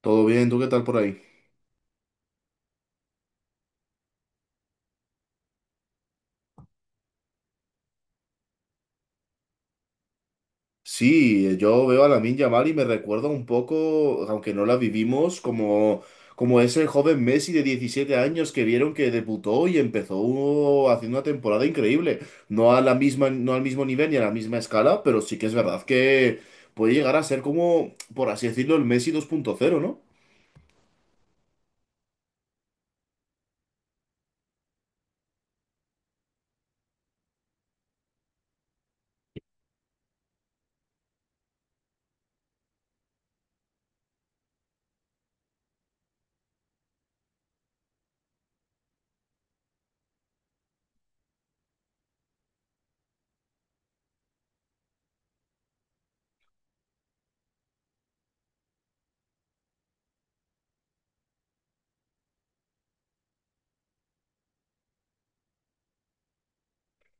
Todo bien, ¿tú qué tal por ahí? Sí, yo veo a Lamine Yamal y me recuerda un poco, aunque no la vivimos, como, como ese joven Messi de 17 años que vieron que debutó y empezó haciendo una temporada increíble. No a la misma, no al mismo nivel ni a la misma escala, pero sí que es verdad que puede llegar a ser como, por así decirlo, el Messi 2.0, ¿no?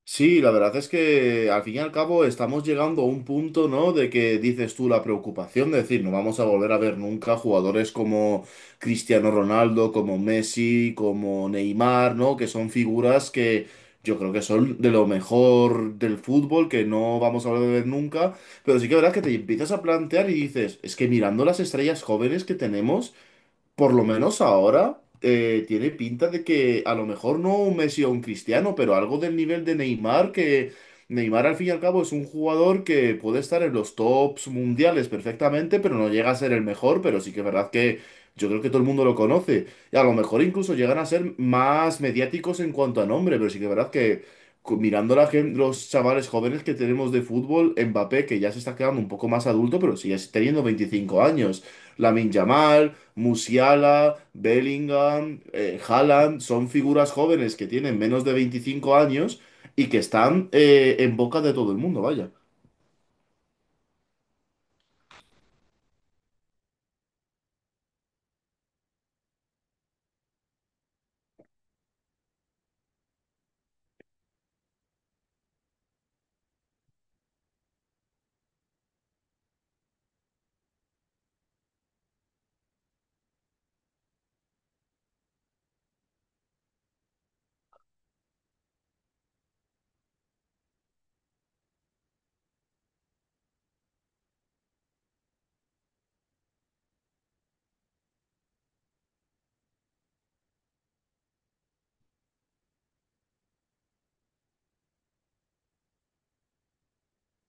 Sí, la verdad es que al fin y al cabo estamos llegando a un punto, ¿no? De que dices tú la preocupación de decir, no vamos a volver a ver nunca jugadores como Cristiano Ronaldo, como Messi, como Neymar, ¿no? Que son figuras que yo creo que son de lo mejor del fútbol, que no vamos a volver a ver nunca. Pero sí que la verdad que te empiezas a plantear y dices, es que mirando las estrellas jóvenes que tenemos. Por lo menos ahora tiene pinta de que a lo mejor no un Messi o un Cristiano, pero algo del nivel de Neymar, que Neymar al fin y al cabo es un jugador que puede estar en los tops mundiales perfectamente, pero no llega a ser el mejor, pero sí que es verdad que yo creo que todo el mundo lo conoce. Y a lo mejor incluso llegan a ser más mediáticos en cuanto a nombre, pero sí que es verdad que mirando la los chavales jóvenes que tenemos de fútbol, Mbappé, que ya se está quedando un poco más adulto, pero sigue teniendo 25 años. Lamine Yamal, Musiala, Bellingham, Haaland, son figuras jóvenes que tienen menos de 25 años y que están en boca de todo el mundo, vaya.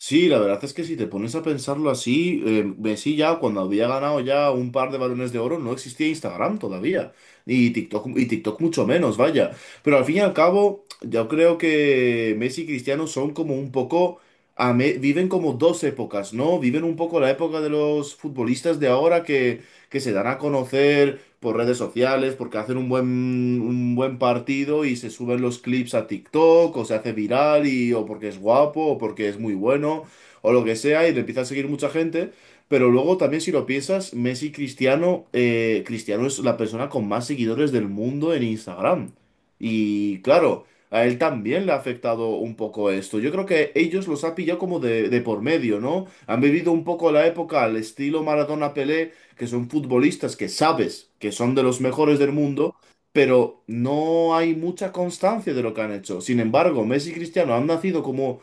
Sí, la verdad es que si te pones a pensarlo así, Messi ya cuando había ganado ya un par de balones de oro no existía Instagram todavía, y TikTok mucho menos, vaya. Pero al fin y al cabo, yo creo que Messi y Cristiano son como un poco, viven como dos épocas, ¿no? Viven un poco la época de los futbolistas de ahora que, se dan a conocer, por redes sociales, porque hacen un buen partido y se suben los clips a TikTok, o se hace viral, y, o porque es guapo, o porque es muy bueno, o lo que sea, y le empieza a seguir mucha gente. Pero luego también si lo piensas, Messi y Cristiano, Cristiano es la persona con más seguidores del mundo en Instagram. Y claro, a él también le ha afectado un poco esto. Yo creo que ellos los ha pillado como de por medio, ¿no? Han vivido un poco la época al estilo Maradona-Pelé, que son futbolistas que sabes que son de los mejores del mundo, pero no hay mucha constancia de lo que han hecho. Sin embargo, Messi y Cristiano han nacido como,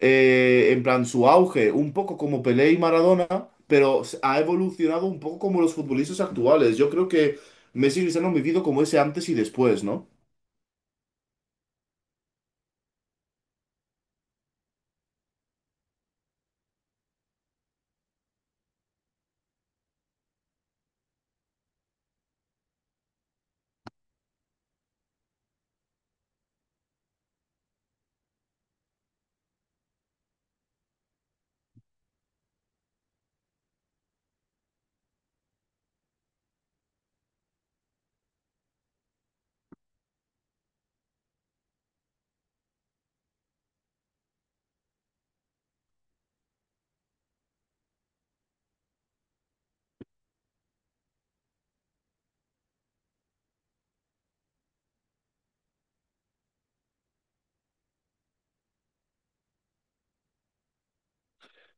en plan, su auge, un poco como Pelé y Maradona, pero ha evolucionado un poco como los futbolistas actuales. Yo creo que Messi y Cristiano han vivido como ese antes y después, ¿no?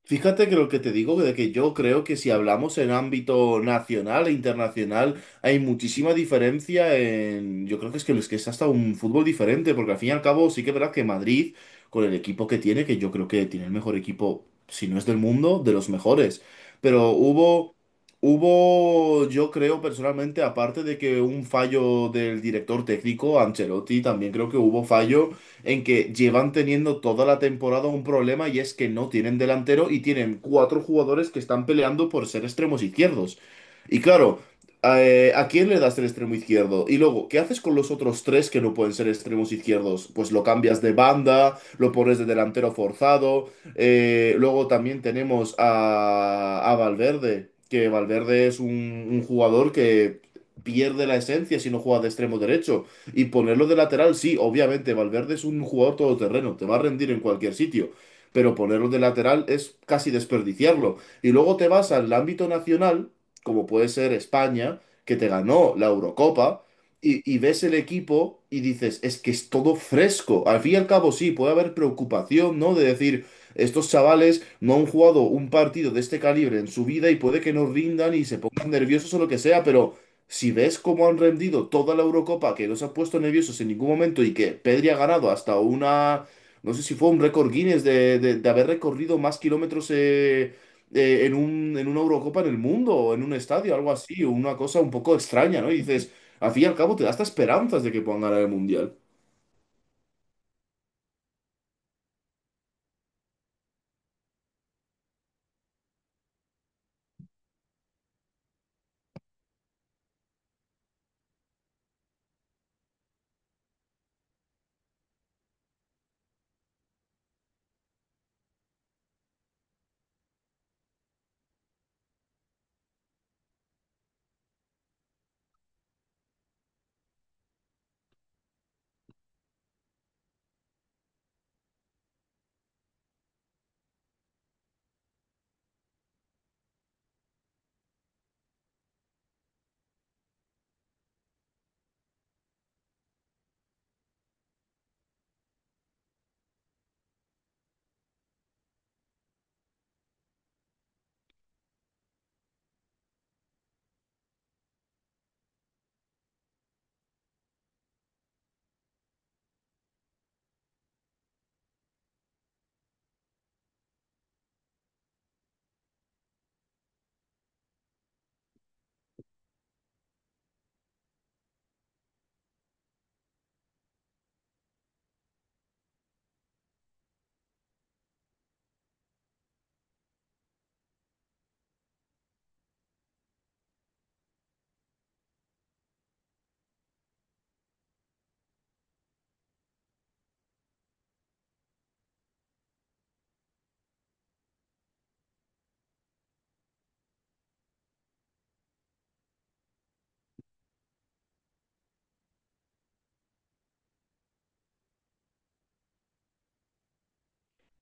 Fíjate que lo que te digo, de que yo creo que si hablamos en ámbito nacional e internacional, hay muchísima diferencia en... Yo creo que es que es hasta un fútbol diferente, porque al fin y al cabo sí que es verdad que Madrid, con el equipo que tiene, que yo creo que tiene el mejor equipo, si no es del mundo, de los mejores. Pero hubo, yo creo personalmente, aparte de que un fallo del director técnico, Ancelotti, también creo que hubo fallo en que llevan teniendo toda la temporada un problema y es que no tienen delantero y tienen cuatro jugadores que están peleando por ser extremos izquierdos. Y claro, ¿a quién le das el extremo izquierdo? Y luego, ¿qué haces con los otros tres que no pueden ser extremos izquierdos? Pues lo cambias de banda, lo pones de delantero forzado. Luego también tenemos a, Valverde, que Valverde es un jugador que pierde la esencia si no juega de extremo derecho. Y ponerlo de lateral, sí, obviamente, Valverde es un jugador todoterreno, te va a rendir en cualquier sitio, pero ponerlo de lateral es casi desperdiciarlo. Y luego te vas al ámbito nacional, como puede ser España, que te ganó la Eurocopa, y ves el equipo y dices, es que es todo fresco. Al fin y al cabo, sí, puede haber preocupación, ¿no? De decir, estos chavales no han jugado un partido de este calibre en su vida y puede que no rindan y se pongan nerviosos o lo que sea, pero... Si ves cómo han rendido toda la Eurocopa, que no se han puesto nerviosos en ningún momento y que Pedri ha ganado hasta una, no sé si fue un récord Guinness de, de haber recorrido más kilómetros en una Eurocopa en el mundo o en un estadio, algo así, o una cosa un poco extraña, ¿no? Y dices, al fin y al cabo te da hasta esperanzas de que puedan ganar el Mundial.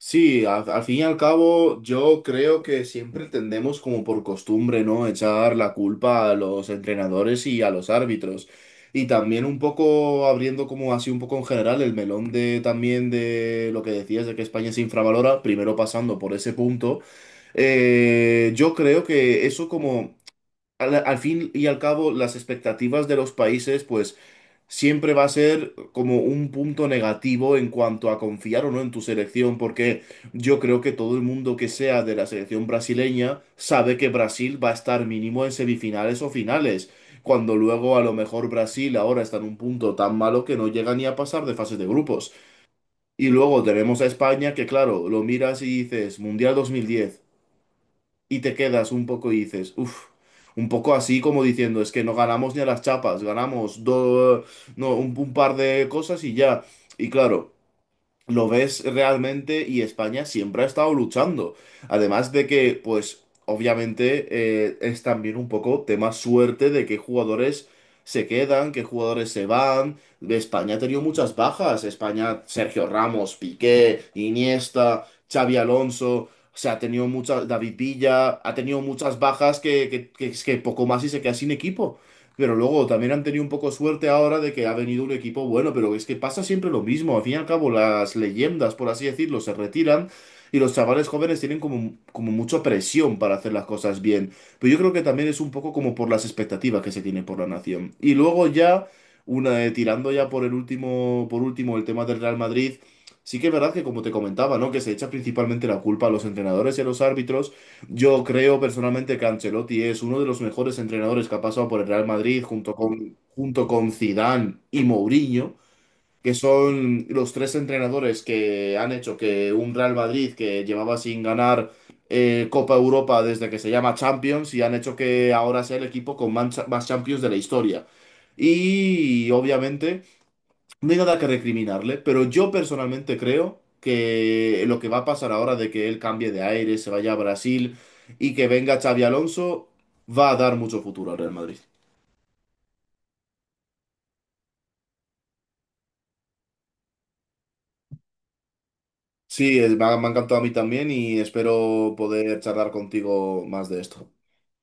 Sí, al fin y al cabo, yo creo que siempre tendemos como por costumbre, ¿no? Echar la culpa a los entrenadores y a los árbitros. Y también un poco abriendo como así un poco en general el melón de también de lo que decías de que España se infravalora, primero pasando por ese punto, yo creo que eso como al fin y al cabo las expectativas de los países pues siempre va a ser como un punto negativo en cuanto a confiar o no en tu selección, porque yo creo que todo el mundo que sea de la selección brasileña sabe que Brasil va a estar mínimo en semifinales o finales, cuando luego a lo mejor Brasil ahora está en un punto tan malo que no llega ni a pasar de fases de grupos. Y luego tenemos a España que claro, lo miras y dices, Mundial 2010 y te quedas un poco y dices, uff, un poco así como diciendo, es que no ganamos ni a las chapas, ganamos do- no, un par de cosas y ya. Y claro lo ves realmente y España siempre ha estado luchando. Además de que, pues, obviamente es también un poco tema suerte de qué jugadores se quedan, qué jugadores se van. España ha tenido muchas bajas. España, Sergio Ramos, Piqué, Iniesta, Xavi Alonso. O sea, ha tenido muchas, David Villa, ha tenido muchas bajas es que poco más y se queda sin equipo. Pero luego también han tenido un poco suerte ahora de que ha venido un equipo bueno, pero es que pasa siempre lo mismo. Al fin y al cabo, las leyendas, por así decirlo, se retiran y los chavales jóvenes tienen como, como mucha presión para hacer las cosas bien. Pero yo creo que también es un poco como por las expectativas que se tienen por la nación. Y luego ya, tirando ya por el último, por último, el tema del Real Madrid. Sí que es verdad que, como te comentaba, ¿no? Que se echa principalmente la culpa a los entrenadores y a los árbitros. Yo creo personalmente que Ancelotti es uno de los mejores entrenadores que ha pasado por el Real Madrid junto con Zidane y Mourinho, que son los tres entrenadores que han hecho que un Real Madrid que llevaba sin ganar Copa Europa desde que se llama Champions y han hecho que ahora sea el equipo con mancha- más Champions de la historia. Y obviamente... No hay nada que recriminarle, pero yo personalmente creo que lo que va a pasar ahora de que él cambie de aire, se vaya a Brasil y que venga Xavi Alonso, va a dar mucho futuro al Real Madrid. Sí, me ha encantado a mí también y espero poder charlar contigo más de esto.